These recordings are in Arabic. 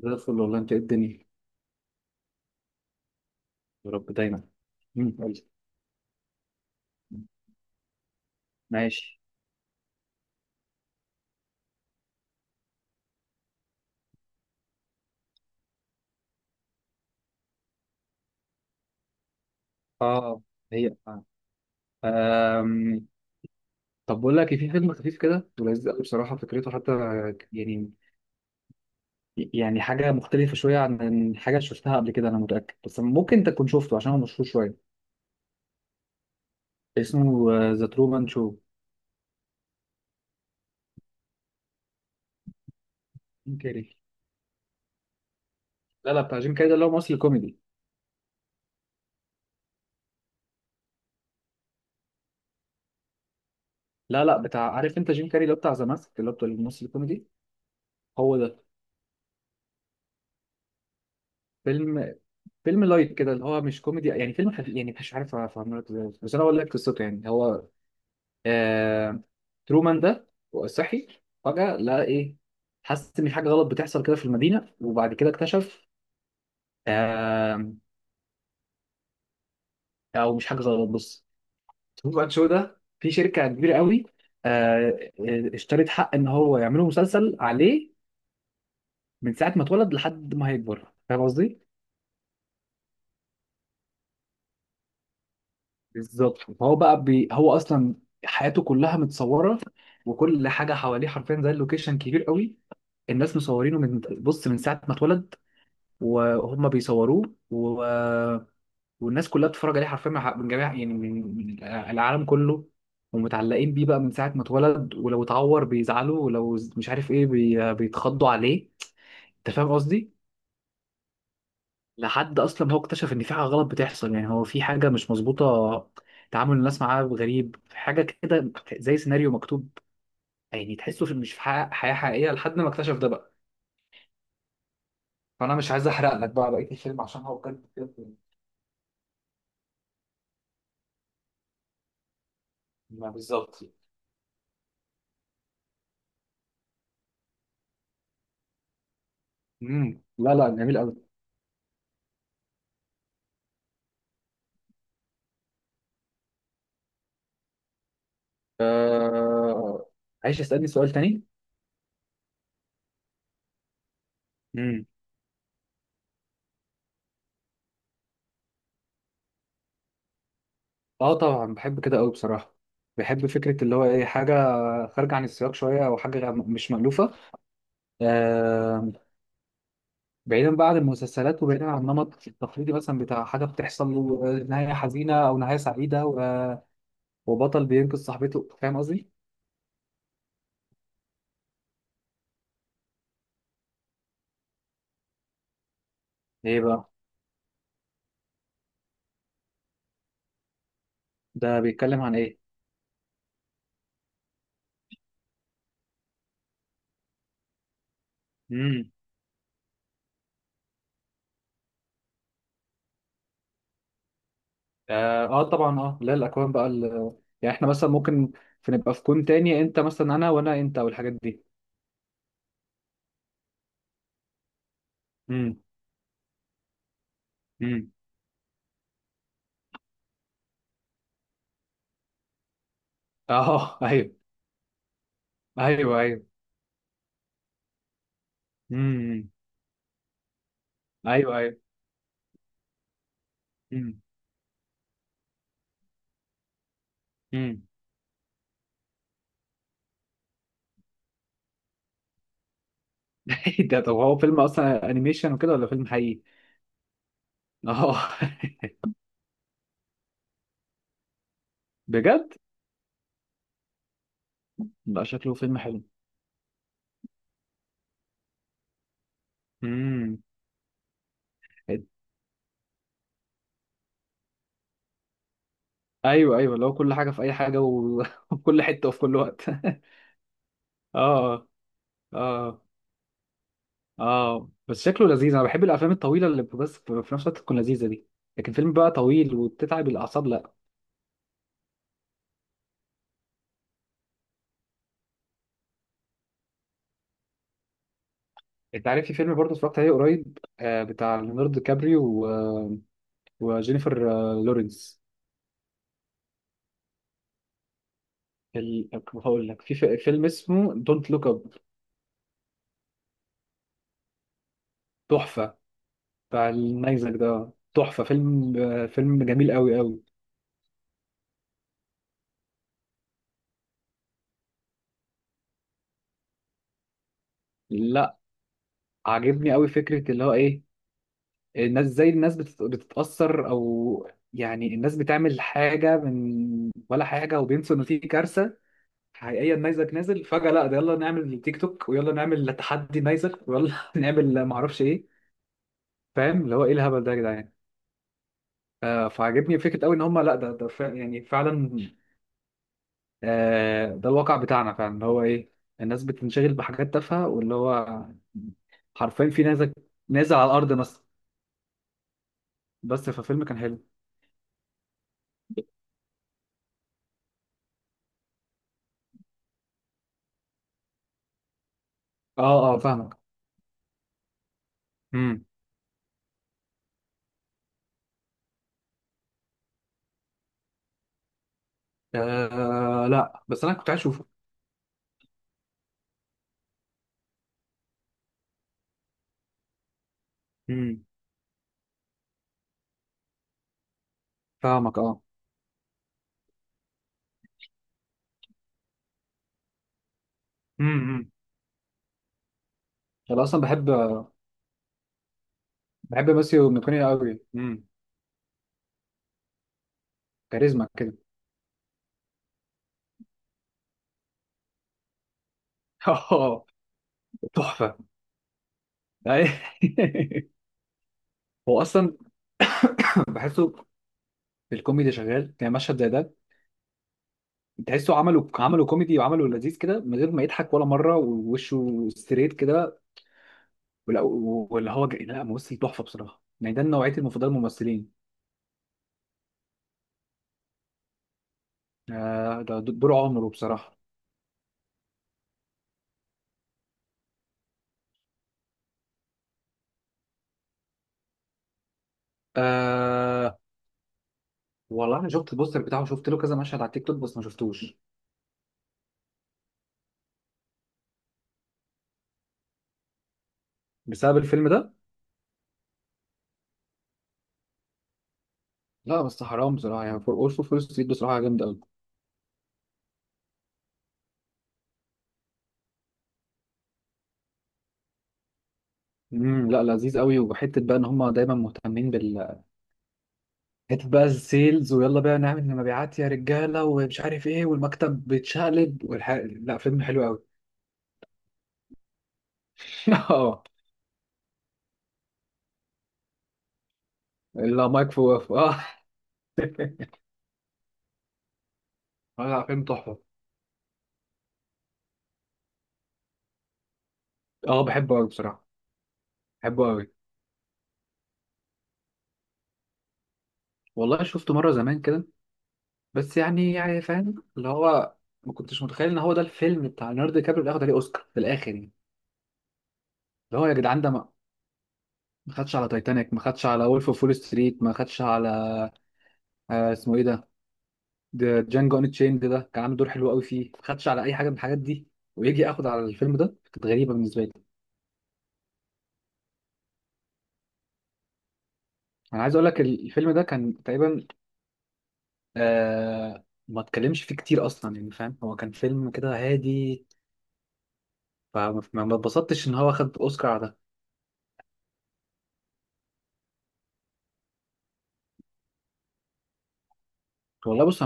زي الفل والله. انت، ايه الدنيا؟ يا رب دايما. مم. قولي. ماشي. اه. هي آه. آم، طب بقول لك إيه، في فيلم خفيف كده ولذيذ قوي بصراحه فكرته حتى يعني يعني حاجه مختلفه شويه عن حاجه شفتها قبل كده، انا متاكد، بس ممكن انت تكون شفته عشان هو مشهور شويه. اسمه ذا ترومان شو. جيم كاري. لا لا، بتاع جيم كاري، ده اللي هو ممثل كوميدي. لا لا، بتاع، عارف انت، جيم كاري اللي هو بتاع ذا ماسك، اللي هو بتاع الممثل الكوميدي. هو ده. فيلم. فيلم لايت كده اللي هو مش كوميدي يعني، فيلم خفيف يعني، مش عارف افهمه لك ازاي، بس انا اقول لك قصته. يعني هو آه... ترومان ده صحي فجأة، لقى ايه، حس ان في حاجه غلط بتحصل كده في المدينه، وبعد كده اكتشف آه... او مش حاجه غلط. بص، ترومان شو ده في شركه كبيره قوي آه... اشترت حق ان هو يعملوا مسلسل عليه من ساعه ما اتولد لحد ما هيكبر. فاهم قصدي؟ بالظبط. فهو بقى هو اصلا حياته كلها متصوره، وكل حاجه حواليه حرفيا، زي اللوكيشن كبير قوي. الناس مصورينه من، بص، من ساعه ما اتولد، وهم بيصوروه والناس كلها بتتفرج عليه حرفيا من من جميع يعني من العالم كله، ومتعلقين بيه بقى من ساعه ما اتولد. ولو اتعور بيزعلوا، ولو مش عارف ايه، بيتخضوا عليه. انت فاهم قصدي؟ لحد اصلا ما هو اكتشف ان في حاجه غلط بتحصل، يعني هو في حاجه مش مظبوطه، تعامل الناس معاه غريب حاجه كده، زي سيناريو مكتوب. يعني تحسه في، مش في حياه حقيقيه، لحد ما اكتشف ده بقى. فانا مش عايز احرق لك بقى بقيه الفيلم، عشان هو بجد بجد. ما بالظبط. امم. لا لا، جميل قوي. آه... عايز اسالني سؤال تاني؟ امم. اه طبعا، بحب كده قوي بصراحه. بحب فكره اللي هو ايه، حاجه خارجه عن السياق شويه، او حاجه مش مألوفه. آه... بعيدا بقى عن المسلسلات، وبعيدا عن النمط التقليدي مثلا بتاع حاجه بتحصل له، نهايه حزينه او نهايه سعيده وبطل بينقذ صاحبته. فاهم قصدي؟ ايه بقى؟ ده بيتكلم عن ايه؟ امم. اه، آه طبعا. اه، لا، الاكوان بقى يعني احنا مثلا ممكن في نبقى في كون تاني، انت مثلا انا، وانا انت، والحاجات دي. امم. امم. اه. آه، ايوه. ايوه ايوه. امم. ايوه ايوه. امم. امم. ده طب هو فيلم اصلا انيميشن وكده، ولا فيلم حقيقي؟ اه. بجد؟ بقى شكله فيلم حلو. امم. ايوه ايوه، اللي هو كل حاجه في اي حاجه وفي كل حته وفي كل وقت. اه. اه. اه بس شكله لذيذ. انا بحب الافلام الطويله اللي بس في نفس الوقت تكون لذيذه دي. لكن فيلم بقى طويل وبتتعب الاعصاب، لا. انت عارف في فيلم برضه اتفرجت عليه قريب، بتاع ليوناردو كابريو وجينيفر لورنس ال... هقول لك في فيلم اسمه دونت لوك اب. تحفه. بتاع النيزك ده، تحفه. فيلم، فيلم جميل قوي قوي. عاجبني قوي فكرة اللي هو ايه، الناس زي الناس بتتأثر او يعني، الناس بتعمل حاجة من ولا حاجة، وبينسوا ان في كارثة حقيقية. النيزك نازل فجأة، لا ده يلا نعمل تيك توك، ويلا نعمل تحدي نيزك، ويلا نعمل معرفش ايه. فاهم اللي هو ايه الهبل ده يا جدعان. آه، فعاجبني فكرة قوي. ان هم، لا ده يعني فعلا. آه، ده الواقع بتاعنا فعلا، اللي هو ايه، الناس بتنشغل بحاجات تافهة، واللي هو حرفيا في نيزك نازل على الأرض مثلا. بس ففيلم كان حلو. اه. اه، فاهمك. امم. آه، لا بس انا كنت عايز اشوفه. امم. فاهمك. اه. امم. انا اصلا بحب ماسيو ميكوني قوي. امم. كاريزما كده. اه. تحفه. أي. هو اصلا بحسه في الكوميدي شغال، يعني مشهد زي ده تحسه عملوا كوميدي، وعملوا لذيذ كده من غير ما يضحك ولا مره، ووشه ستريت كده. واللي هو لا ممثل تحفه بصراحه، يعني ده نوعيه المفضله الممثلين. آه، ده دور عمره بصراحه. آه، والله انا شفت البوستر بتاعه، شفت له كذا مشهد على التيك توك، بس ما شفتوش. بسبب الفيلم ده. لا بس حرام بصراحه، يعني فور اول فور ستريت بصراحه جامد قوي. امم. لا لذيذ قوي، وحته بقى ان هم دايما مهتمين بال، حته بقى السيلز، ويلا بقى نعمل مبيعات يا رجاله، ومش عارف ايه، والمكتب بيتشقلب لا، فيلم حلو قوي. اه. لا مايك فوف اه. لا فيلم تحفه. اه بحبه قوي بصراحه. بحبه قوي. والله شفته مره زمان كده. بس يعني، يعني فاهم اللي هو، ما كنتش متخيل ان هو ده الفيلم بتاع ليوناردو دي كابريو اللي ياخد عليه اوسكار في الاخر يعني. اللي هو يا جدعان ده، ما خدش على تايتانيك، ما خدش على وولف اوف وول ستريت، ما خدش على، آه اسمه ايه ده، ده جانجو ان تشيند، ده كان عامل دور حلو قوي فيه، ما خدش على اي حاجه من الحاجات دي. ويجي اخد على الفيلم ده! كانت غريبه بالنسبه لي. انا عايز اقول لك الفيلم ده كان تقريبا، آه ما اتكلمش فيه كتير اصلا يعني، فاهم، هو كان فيلم كده هادي. فما ما اتبسطتش ان هو خد اوسكار على ده. والله بص،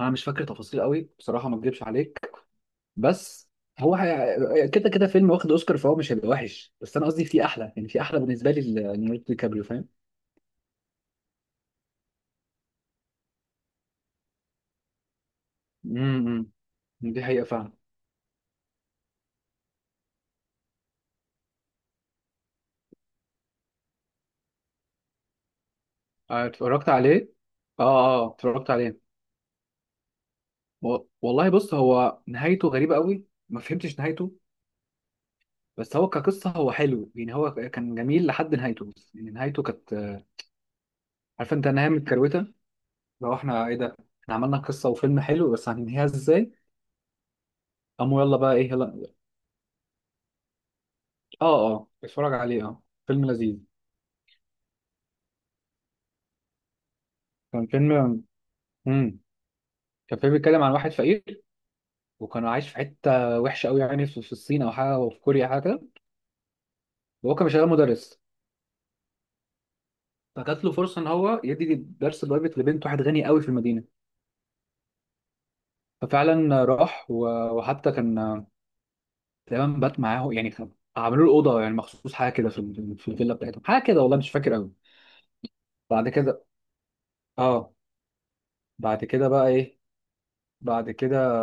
انا مش فاكر تفاصيل قوي بصراحه، ما اكذبش عليك. بس هو كده كده فيلم واخد اوسكار، فهو مش هيبقى وحش، بس انا قصدي في احلى، يعني في احلى بالنسبه لي ليوناردو دي كابريو، فاهم. امم. دي حقيقه فعلا. آه، اتفرجت عليه. اه اه، آه، اتفرجت عليه. والله بص، هو نهايته غريبه قوي. ما فهمتش نهايته. بس هو كقصه هو حلو، يعني هو كان جميل لحد نهايته، بس يعني نهايته كانت، عارف انت، نهايه متكروته. لو احنا ايه ده، احنا عملنا قصه وفيلم حلو، بس هننهيها ازاي؟ قاموا يلا بقى ايه يلا. اه. اه بتفرج عليه، اه، فيلم لذيذ. كان فيلم. امم. كان فيلم بيتكلم عن واحد فقير، وكان عايش في حته وحشه قوي، يعني في في الصين او حاجه، او في كوريا حاجه كده. وهو كان شغال مدرس. فجات له فرصه ان هو يدي درس برايفت لبنت واحد غني قوي في المدينه. ففعلا راح وحتى كان تقريبا بات معاه، يعني عملوا له اوضه يعني مخصوص، حاجه كده في في الفيلا بتاعتهم، حاجه كده، والله مش فاكر قوي. بعد كده، اه. بعد كده بقى ايه؟ بعد كده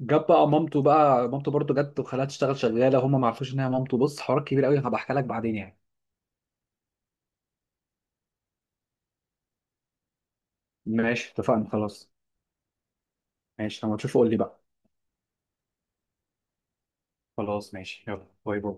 جاب بقى مامته، بقى مامته برضه جت وخلاها تشتغل شغاله، هم ما عرفوش ان هي مامته. بص حوار كبير قوي، هبقى احكي لك بعدين يعني. ماشي، اتفقنا، خلاص. ماشي، لما تشوف قول لي بقى. خلاص ماشي، يلا باي باي.